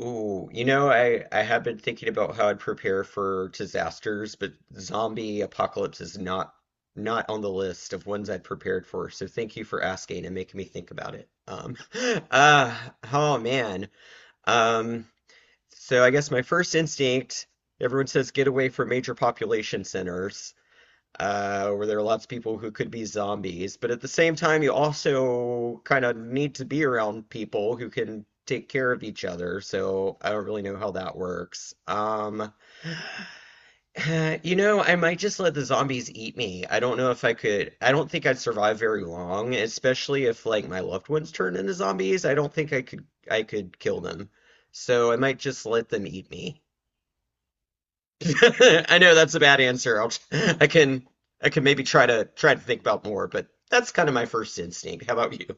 Ooh, you know, I have been thinking about how I'd prepare for disasters, but zombie apocalypse is not on the list of ones I'd prepared for. So thank you for asking and making me think about it. Uh, oh man. Um, so I guess my first instinct, everyone says get away from major population centers where there are lots of people who could be zombies, but at the same time, you also kind of need to be around people who can take care of each other. So I don't really know how that works. You know, I might just let the zombies eat me. I don't know if I could. I don't think I'd survive very long, especially if like my loved ones turned into zombies. I don't think I could. I could kill them. So I might just let them eat me. I know that's a bad answer. I'll, I can I can maybe try to think about more, but that's kind of my first instinct. How about you?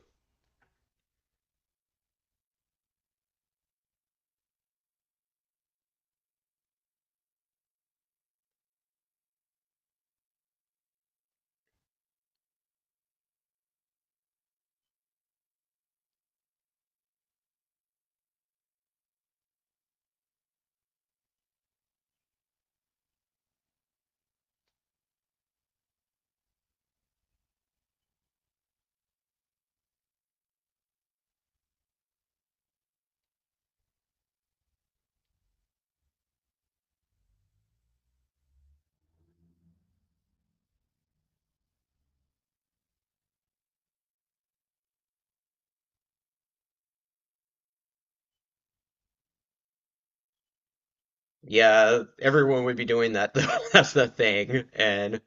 Yeah, everyone would be doing that though. That's the thing. And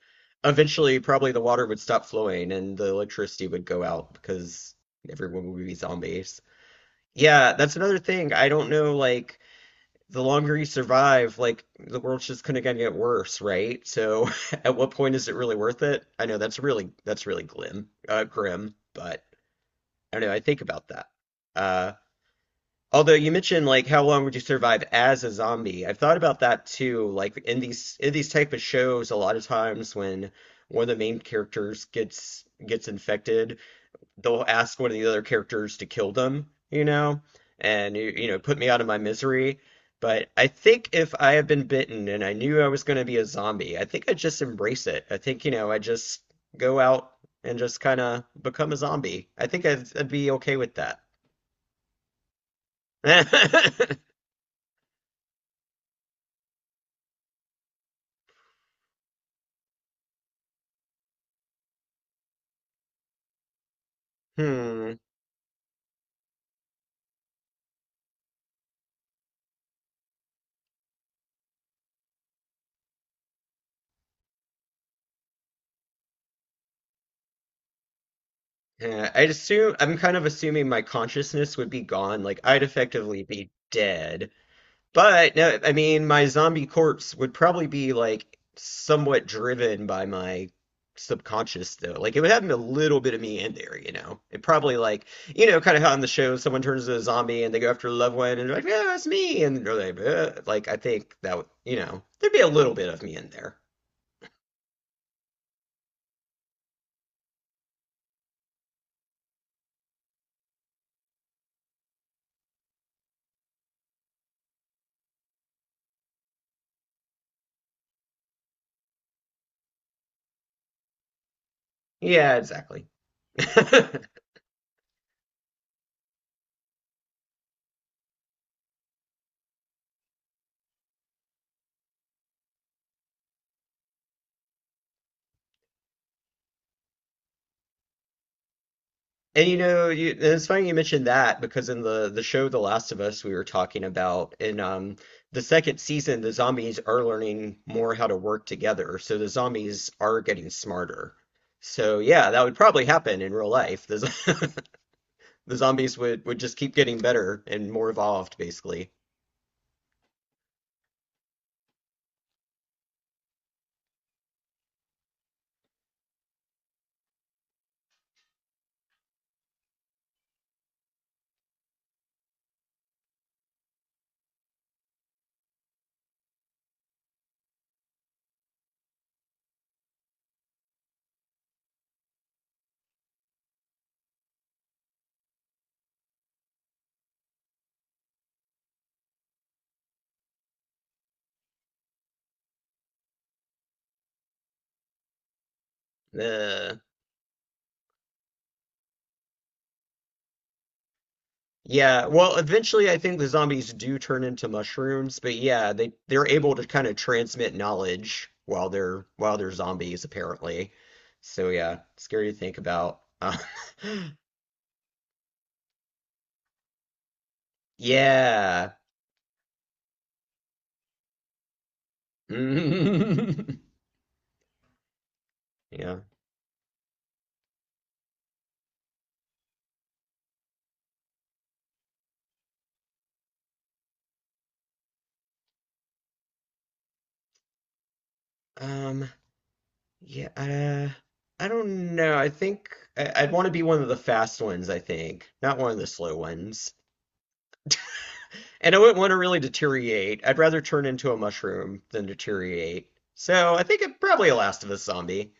eventually probably the water would stop flowing and the electricity would go out because everyone would be zombies. Yeah, that's another thing. I don't know, like the longer you survive, like the world's just gonna get worse, right? So at what point is it really worth it? I know that's really glim, grim, but I don't know. I think about that. Uh, although you mentioned like how long would you survive as a zombie? I've thought about that too. Like in these type of shows, a lot of times when one of the main characters gets infected, they'll ask one of the other characters to kill them, you know, and you know put me out of my misery. But I think if I had been bitten and I knew I was going to be a zombie, I think I'd just embrace it. I think, you know, I just go out and just kind of become a zombie. I think I'd be okay with that. Hmm. Yeah, I'd assume I'm kind of assuming my consciousness would be gone. Like I'd effectively be dead. But no, I mean, my zombie corpse would probably be like somewhat driven by my subconscious, though. Like it would have a little bit of me in there, you know. It probably like you know, kind of how on the show someone turns into a zombie and they go after a loved one and they're like, yeah, that's me, and they're like I think that would, you know, there'd be a little bit of me in there. Yeah, exactly. And you know, you, and it's funny you mentioned that because in the show The Last of Us, we were talking about in the second season, the zombies are learning more how to work together, so the zombies are getting smarter. So yeah, that would probably happen in real life. The z- the zombies would just keep getting better and more evolved, basically. Uh, yeah, well, eventually I think the zombies do turn into mushrooms, but yeah, they they're able to kind of transmit knowledge while they're zombies, apparently. So yeah, scary to think about. Yeah. Yeah. Um, yeah, I don't know. I think I'd want to be one of the fast ones, I think, not one of the slow ones. And I wouldn't want to really deteriorate. I'd rather turn into a mushroom than deteriorate. So I think it probably a Last of Us zombie.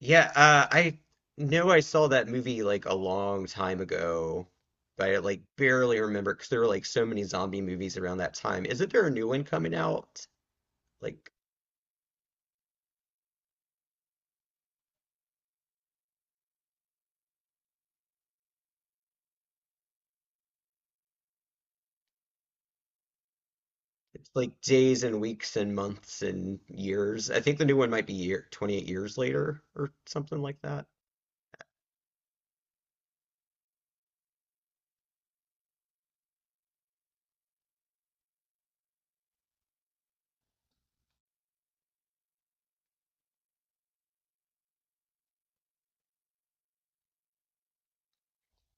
Yeah, I know I saw that movie like a long time ago, but I like barely remember because there were like so many zombie movies around that time. Isn't there a new one coming out? Like it's like days and weeks and months and years. I think the new one might be year 28 years later or something like that.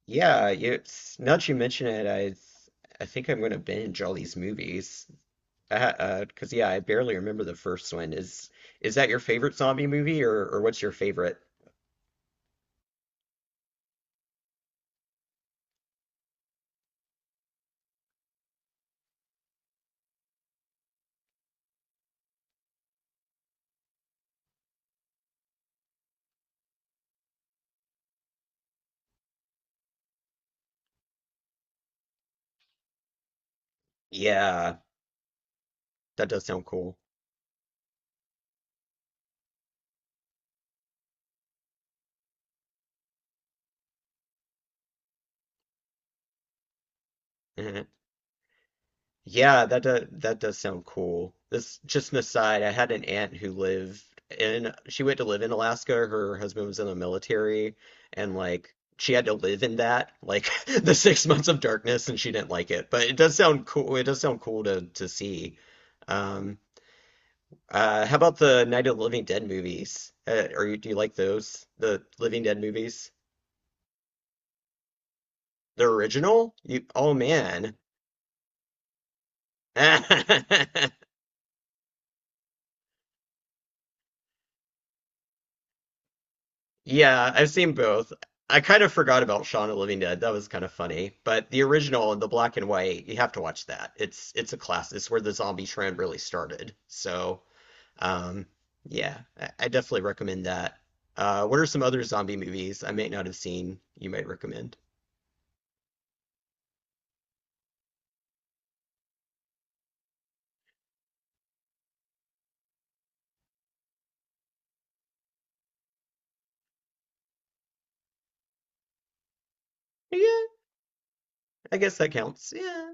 Yeah, you, it's- now that you mention it, I think I'm gonna binge all these movies. 'Cause yeah, I barely remember the first one. Is that your favorite zombie movie or what's your favorite? Yeah, that does sound cool. Yeah, that does sound cool. This just an aside, I had an aunt who lived in she went to live in Alaska. Her husband was in the military and like she had to live in that, like the 6 months of darkness and she didn't like it. But it does sound cool. It does sound cool to see. Um how about the Night of the Living Dead movies? Are you do you like those? The Living Dead movies? The original? You oh man. Yeah, I've seen both. I kind of forgot about Shaun of the Living Dead. That was kind of funny. But the original, the black and white, you have to watch that. It's a class. It's where the zombie trend really started. So, um, yeah, I definitely recommend that. What are some other zombie movies I may not have seen you might recommend? Yeah, I guess that counts. Yeah.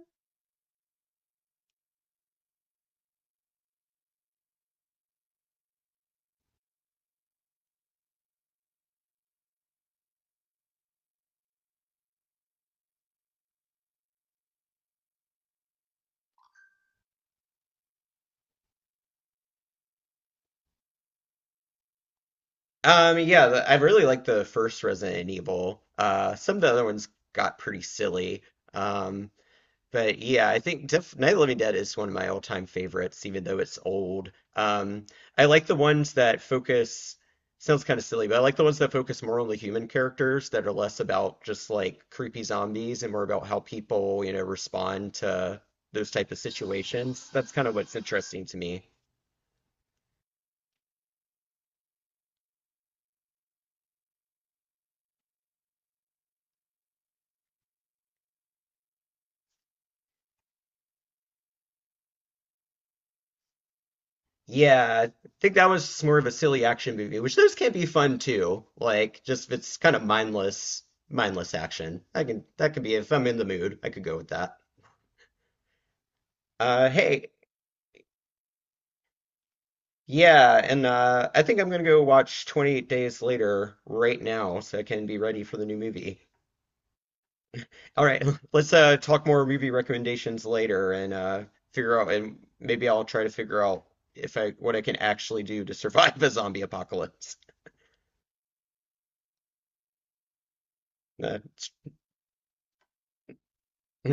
Yeah, the- I really like the first Resident Evil. Some of the other ones got pretty silly. Um, But yeah, I think Def Night of the Living Dead is one of my all-time favorites, even though it's old. I like the ones that focus, sounds kind of silly, but I like the ones that focus more on the human characters that are less about just like creepy zombies and more about how people, you know, respond to those type of situations. That's kind of what's interesting to me. Yeah, I think that was just more of a silly action movie, which those can be fun too. Like just if it's kind of mindless, mindless action. I can that could be if I'm in the mood, I could go with that. Hey, yeah, and I think I'm gonna go watch 28 Days Later right now so I can be ready for the new movie. All right, let's talk more movie recommendations later and figure out and maybe I'll try to figure out if I what I can actually do to survive a zombie apocalypse. Uh,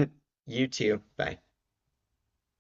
you too. Bye.